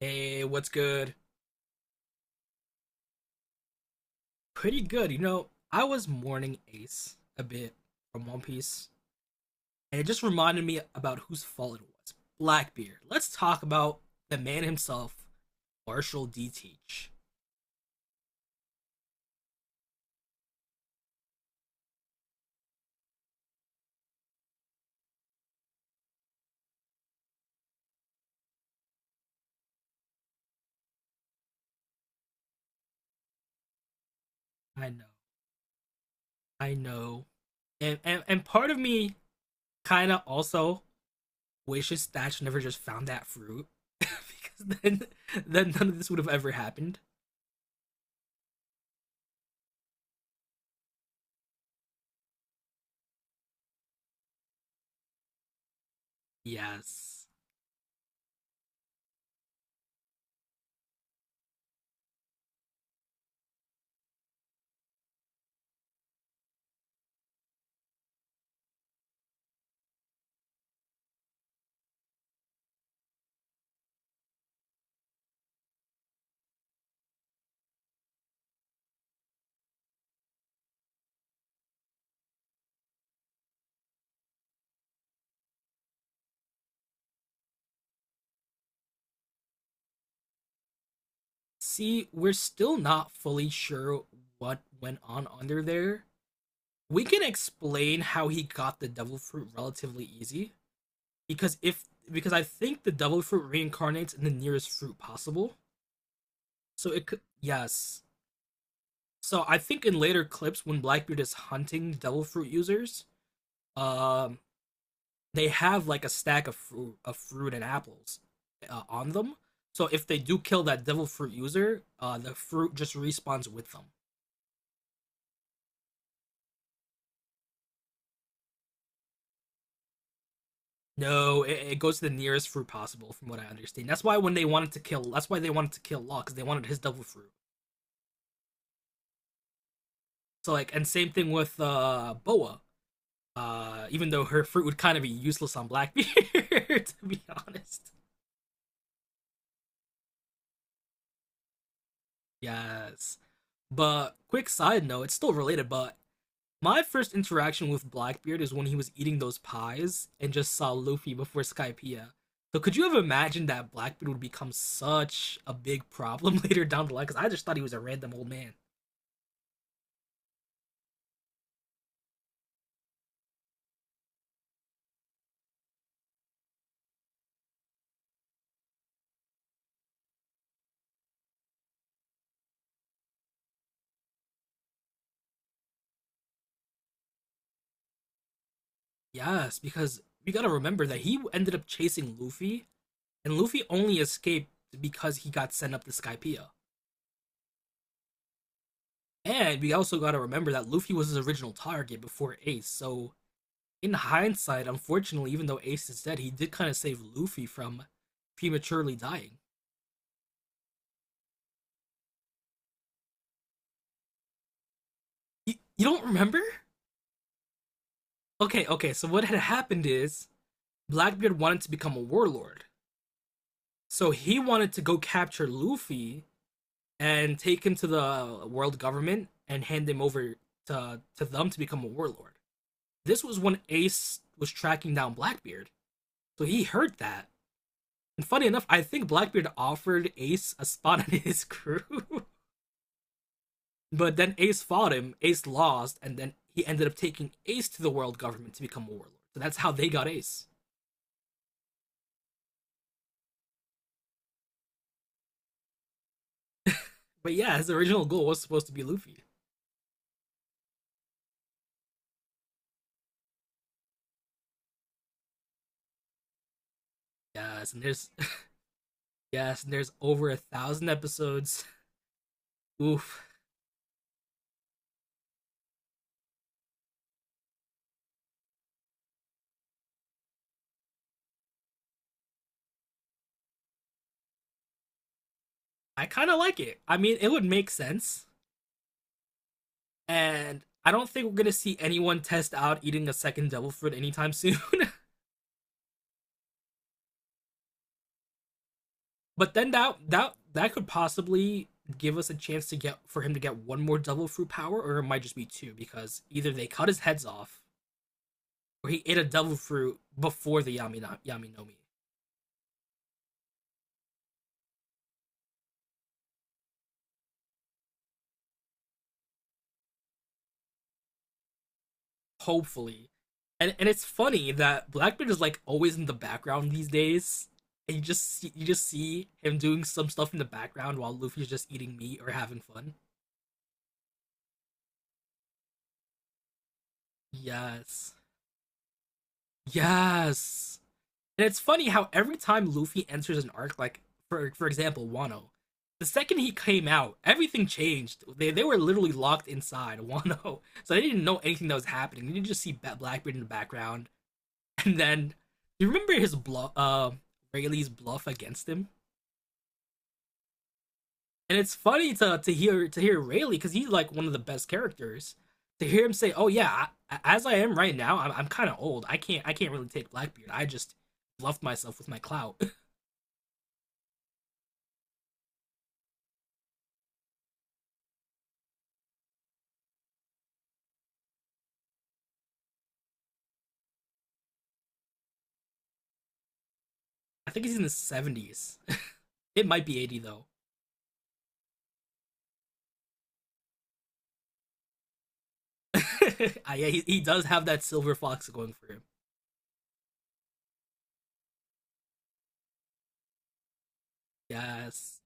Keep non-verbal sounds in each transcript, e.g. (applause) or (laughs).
Hey, what's good? Pretty good. You know, I was mourning Ace a bit from One Piece, and it just reminded me about whose fault it was. Blackbeard. Let's talk about the man himself, Marshall D. Teach. I know, I know. And part of me kinda also wishes Thatch never just found that fruit. (laughs) because then none of this would have ever happened. Yes. See, we're still not fully sure what went on under there. We can explain how he got the devil fruit relatively easy because if because I think the devil fruit reincarnates in the nearest fruit possible. So it could, yes. So I think in later clips when Blackbeard is hunting devil fruit users, um, they have like a stack of fruit and apples on them. So if they do kill that devil fruit user, the fruit just respawns with them. No, it goes to the nearest fruit possible, from what I understand. That's why they wanted to kill Law because they wanted his devil fruit. So like, and same thing with Boa. Even though her fruit would kind of be useless on Blackbeard, (laughs) to be honest. Yes. But quick side note, it's still related, but my first interaction with Blackbeard is when he was eating those pies and just saw Luffy before Skypiea. So could you have imagined that Blackbeard would become such a big problem (laughs) later down the line? Because I just thought he was a random old man. Yes, because we gotta remember that he ended up chasing Luffy, and Luffy only escaped because he got sent up to Skypiea. And we also got to remember that Luffy was his original target before Ace. So, in hindsight, unfortunately, even though Ace is dead, he did kind of save Luffy from prematurely dying. You don't remember? Okay, okay. So, what had happened is Blackbeard wanted to become a warlord. So, he wanted to go capture Luffy and take him to the world government and hand him over to them to become a warlord. This was when Ace was tracking down Blackbeard. So he heard that. And funny enough, I think Blackbeard offered Ace a spot (laughs) on his crew. (laughs) But then Ace fought him, Ace lost, and then he ended up taking Ace to the world government to become a warlord. So that's how they got Ace. But yeah, his original goal was supposed to be Luffy. Yes, and there's (laughs) yes, and there's over 1,000 episodes. Oof. I kinda like it. I mean it would make sense. And I don't think we're gonna see anyone test out eating a second devil fruit anytime soon. (laughs) But then that could possibly give us a chance to get for him to get one more devil fruit power, or it might just be two because either they cut his heads off or he ate a devil fruit before the Yaminomi. Hopefully, and it's funny that Blackbeard is like always in the background these days. And you just see him doing some stuff in the background while Luffy's just eating meat or having fun. Yes, yes. And it's funny how every time Luffy enters an arc, like for example, Wano, the second he came out, everything changed. They were literally locked inside (laughs) Wano, so they didn't know anything that was happening. They didn't just see Blackbeard in the background, (laughs) and then you remember his bluff, Rayleigh's bluff against him. And it's funny to hear Rayleigh because he's like one of the best characters. To hear him say, "Oh yeah, I, as I am right now, I'm kind of old. I can't really take Blackbeard. I just bluffed myself with my clout." I think he's in his seventies. (laughs) It might be 80 though. (laughs) Ah, yeah, he does have that silver fox going for him. Yes,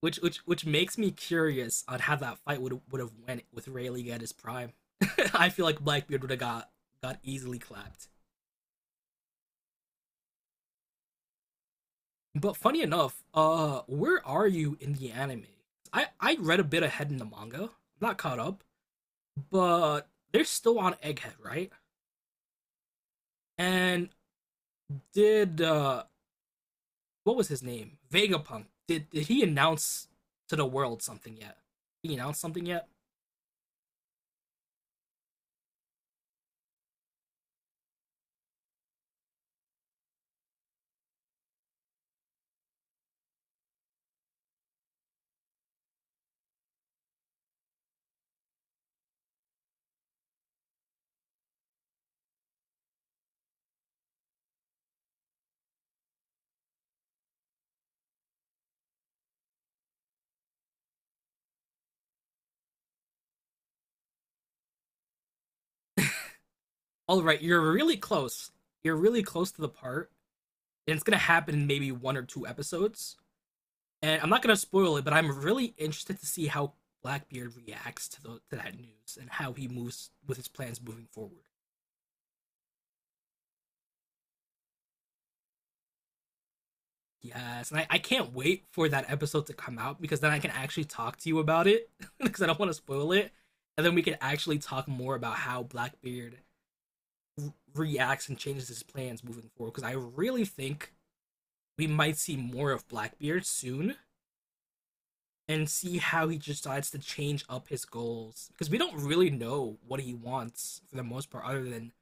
which makes me curious on how that fight would have went with Rayleigh at his prime. (laughs) I feel like Blackbeard would have got easily clapped. But funny enough, where are you in the anime? I read a bit ahead in the manga. I'm not caught up, but they're still on Egghead, right? And did what was his name? Vegapunk. Did he announce to the world something yet? Did he announce something yet? All right, you're really close. You're really close to the part, and it's gonna happen in maybe one or two episodes. And I'm not gonna spoil it, but I'm really interested to see how Blackbeard reacts to the to that news and how he moves with his plans moving forward. Yes, and I can't wait for that episode to come out because then I can actually talk to you about it (laughs) because I don't want to spoil it, and then we can actually talk more about how Blackbeard reacts and changes his plans moving forward because I really think we might see more of Blackbeard soon and see how he decides to change up his goals because we don't really know what he wants for the most part other than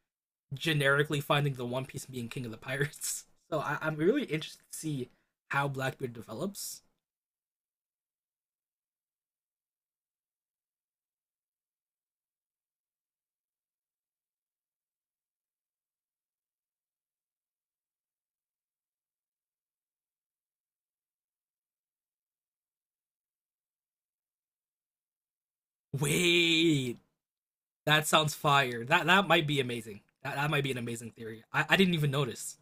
generically finding the one piece and being king of the pirates. (laughs) So I'm really interested to see how Blackbeard develops. Wait, that sounds fire. That might be amazing that might be an amazing theory. I didn't even notice.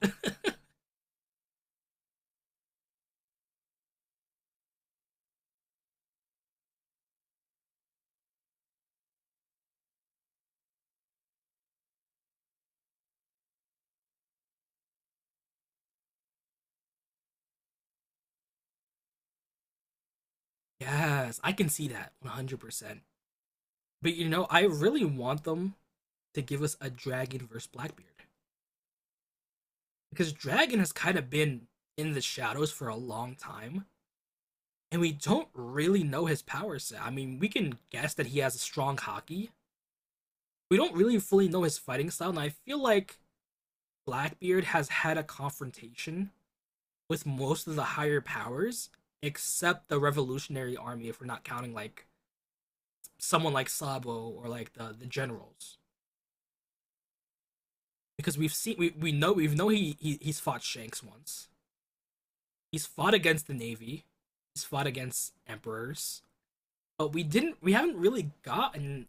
(laughs) Yes, I can see that 100%. But you know, I really want them to give us a Dragon versus Blackbeard because Dragon has kind of been in the shadows for a long time, and we don't really know his power set. I mean, we can guess that he has a strong hockey. We don't really fully know his fighting style, and I feel like Blackbeard has had a confrontation with most of the higher powers, except the Revolutionary Army, if we're not counting like someone like Sabo or like the generals. Because we know he, he's fought Shanks once. He's fought against the Navy. He's fought against emperors. But we haven't really gotten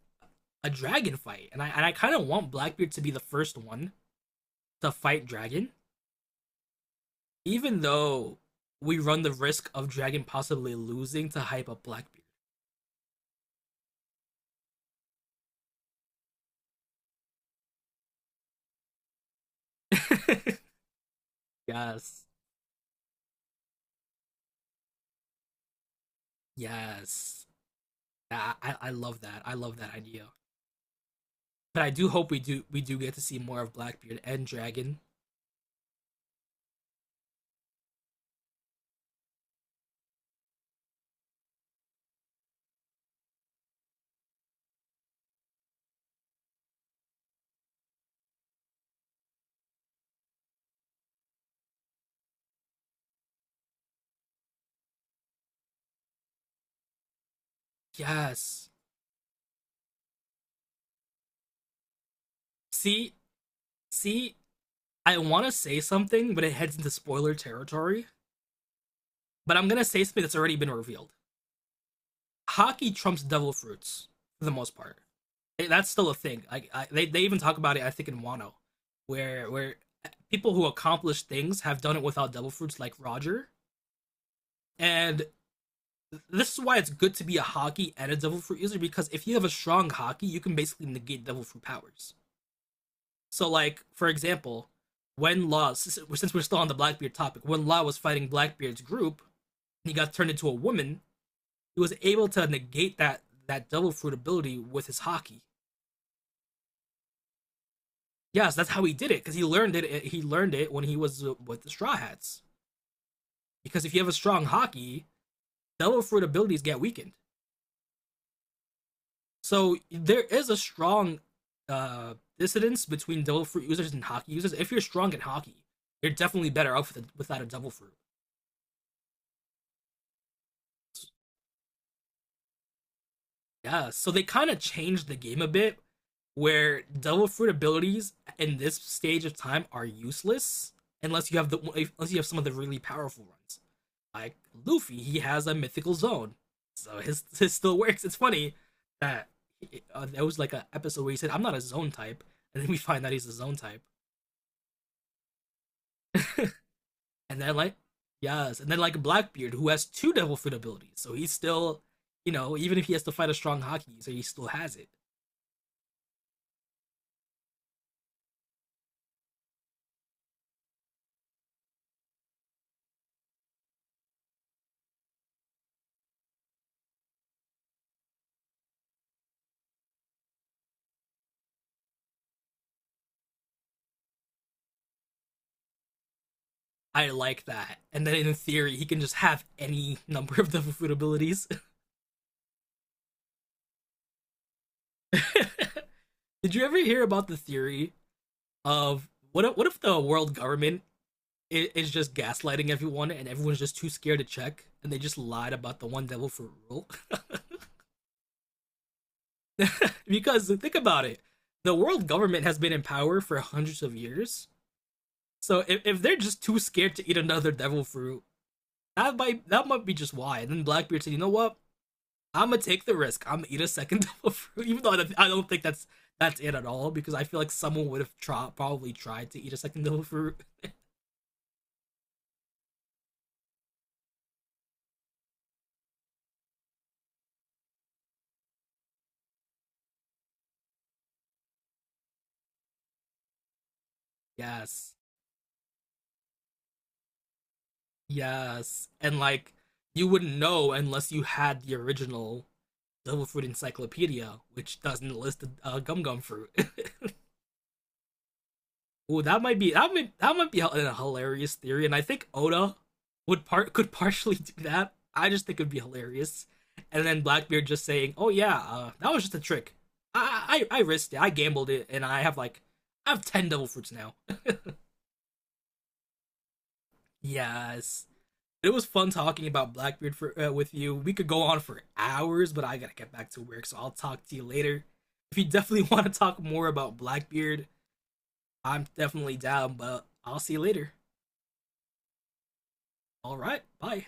a dragon fight. And I kind of want Blackbeard to be the first one to fight dragon, even though we run the risk of dragon possibly losing to hype up Blackbeard. (laughs) Yes. Yes. Yeah, I love that. I love that idea. But I do hope we do get to see more of Blackbeard and Dragon. Yes. See, See, I want to say something, but it heads into spoiler territory. But I'm gonna say something that's already been revealed. Hockey trumps devil fruits for the most part. Eh, that's still a thing. They even talk about it, I think, in Wano, where people who accomplish things have done it without devil fruits, like Roger. And this is why it's good to be a hockey and a devil fruit user because if you have a strong hockey, you can basically negate devil fruit powers. So, like for example, when Law, since we're still on the Blackbeard topic, when Law was fighting Blackbeard's group, and he got turned into a woman. He was able to negate that devil fruit ability with his hockey. Yes, that's how he did it because he learned it. He learned it when he was with the Straw Hats. Because if you have a strong hockey, devil fruit abilities get weakened. So there is a strong dissidence between devil fruit users and hockey users. If you're strong in hockey, you're definitely better off with without a devil fruit. Yeah, so they kind of changed the game a bit where devil fruit abilities in this stage of time are useless unless you have the unless you have some of the really powerful ones. Like Luffy, he has a mythical zone. So his (laughs) his still works. It's funny that there was like an episode where he said, "I'm not a zone type," and then we find out he's a zone type. And then like yes, and then like Blackbeard, who has two devil fruit abilities, so he's still, you know, even if he has to fight a strong Haki, so he still has it. I like that. And then in theory, he can just have any (laughs) number of the food abilities. (laughs) Did you ever hear about the theory of what if the world government is just gaslighting everyone and everyone's just too scared to check and they just lied about the one devil fruit rule? (laughs) Because think about it. The world government has been in power for hundreds of years. So if they're just too scared to eat another devil fruit, that might be just why. And then Blackbeard said, you know what? I'm gonna take the risk. I'm gonna eat a second (laughs) double fruit, even though I don't- think that's it at all. Because I feel like someone would have tried, probably tried to eat a second (laughs) double fruit. Yes, yes, and like you wouldn't know unless you had the original double fruit encyclopedia, which doesn't list the gum gum fruit. (laughs) Ooh, that might be a hilarious theory, and I think Oda would part could (laughs) partially do that. I just think it would be hilarious, and then Blackbeard just saying, "Oh yeah, that was just a trick. I risked it. I gambled it, and I have like I have 10 devil fruits now." Yes, it was fun talking about Blackbeard for with you. We could go on for hours, but I gotta get back to work, so I'll talk to you later. If you definitely (laughs) want to talk more about Blackbeard, I'm definitely down. But I'll see you later. All right, bye.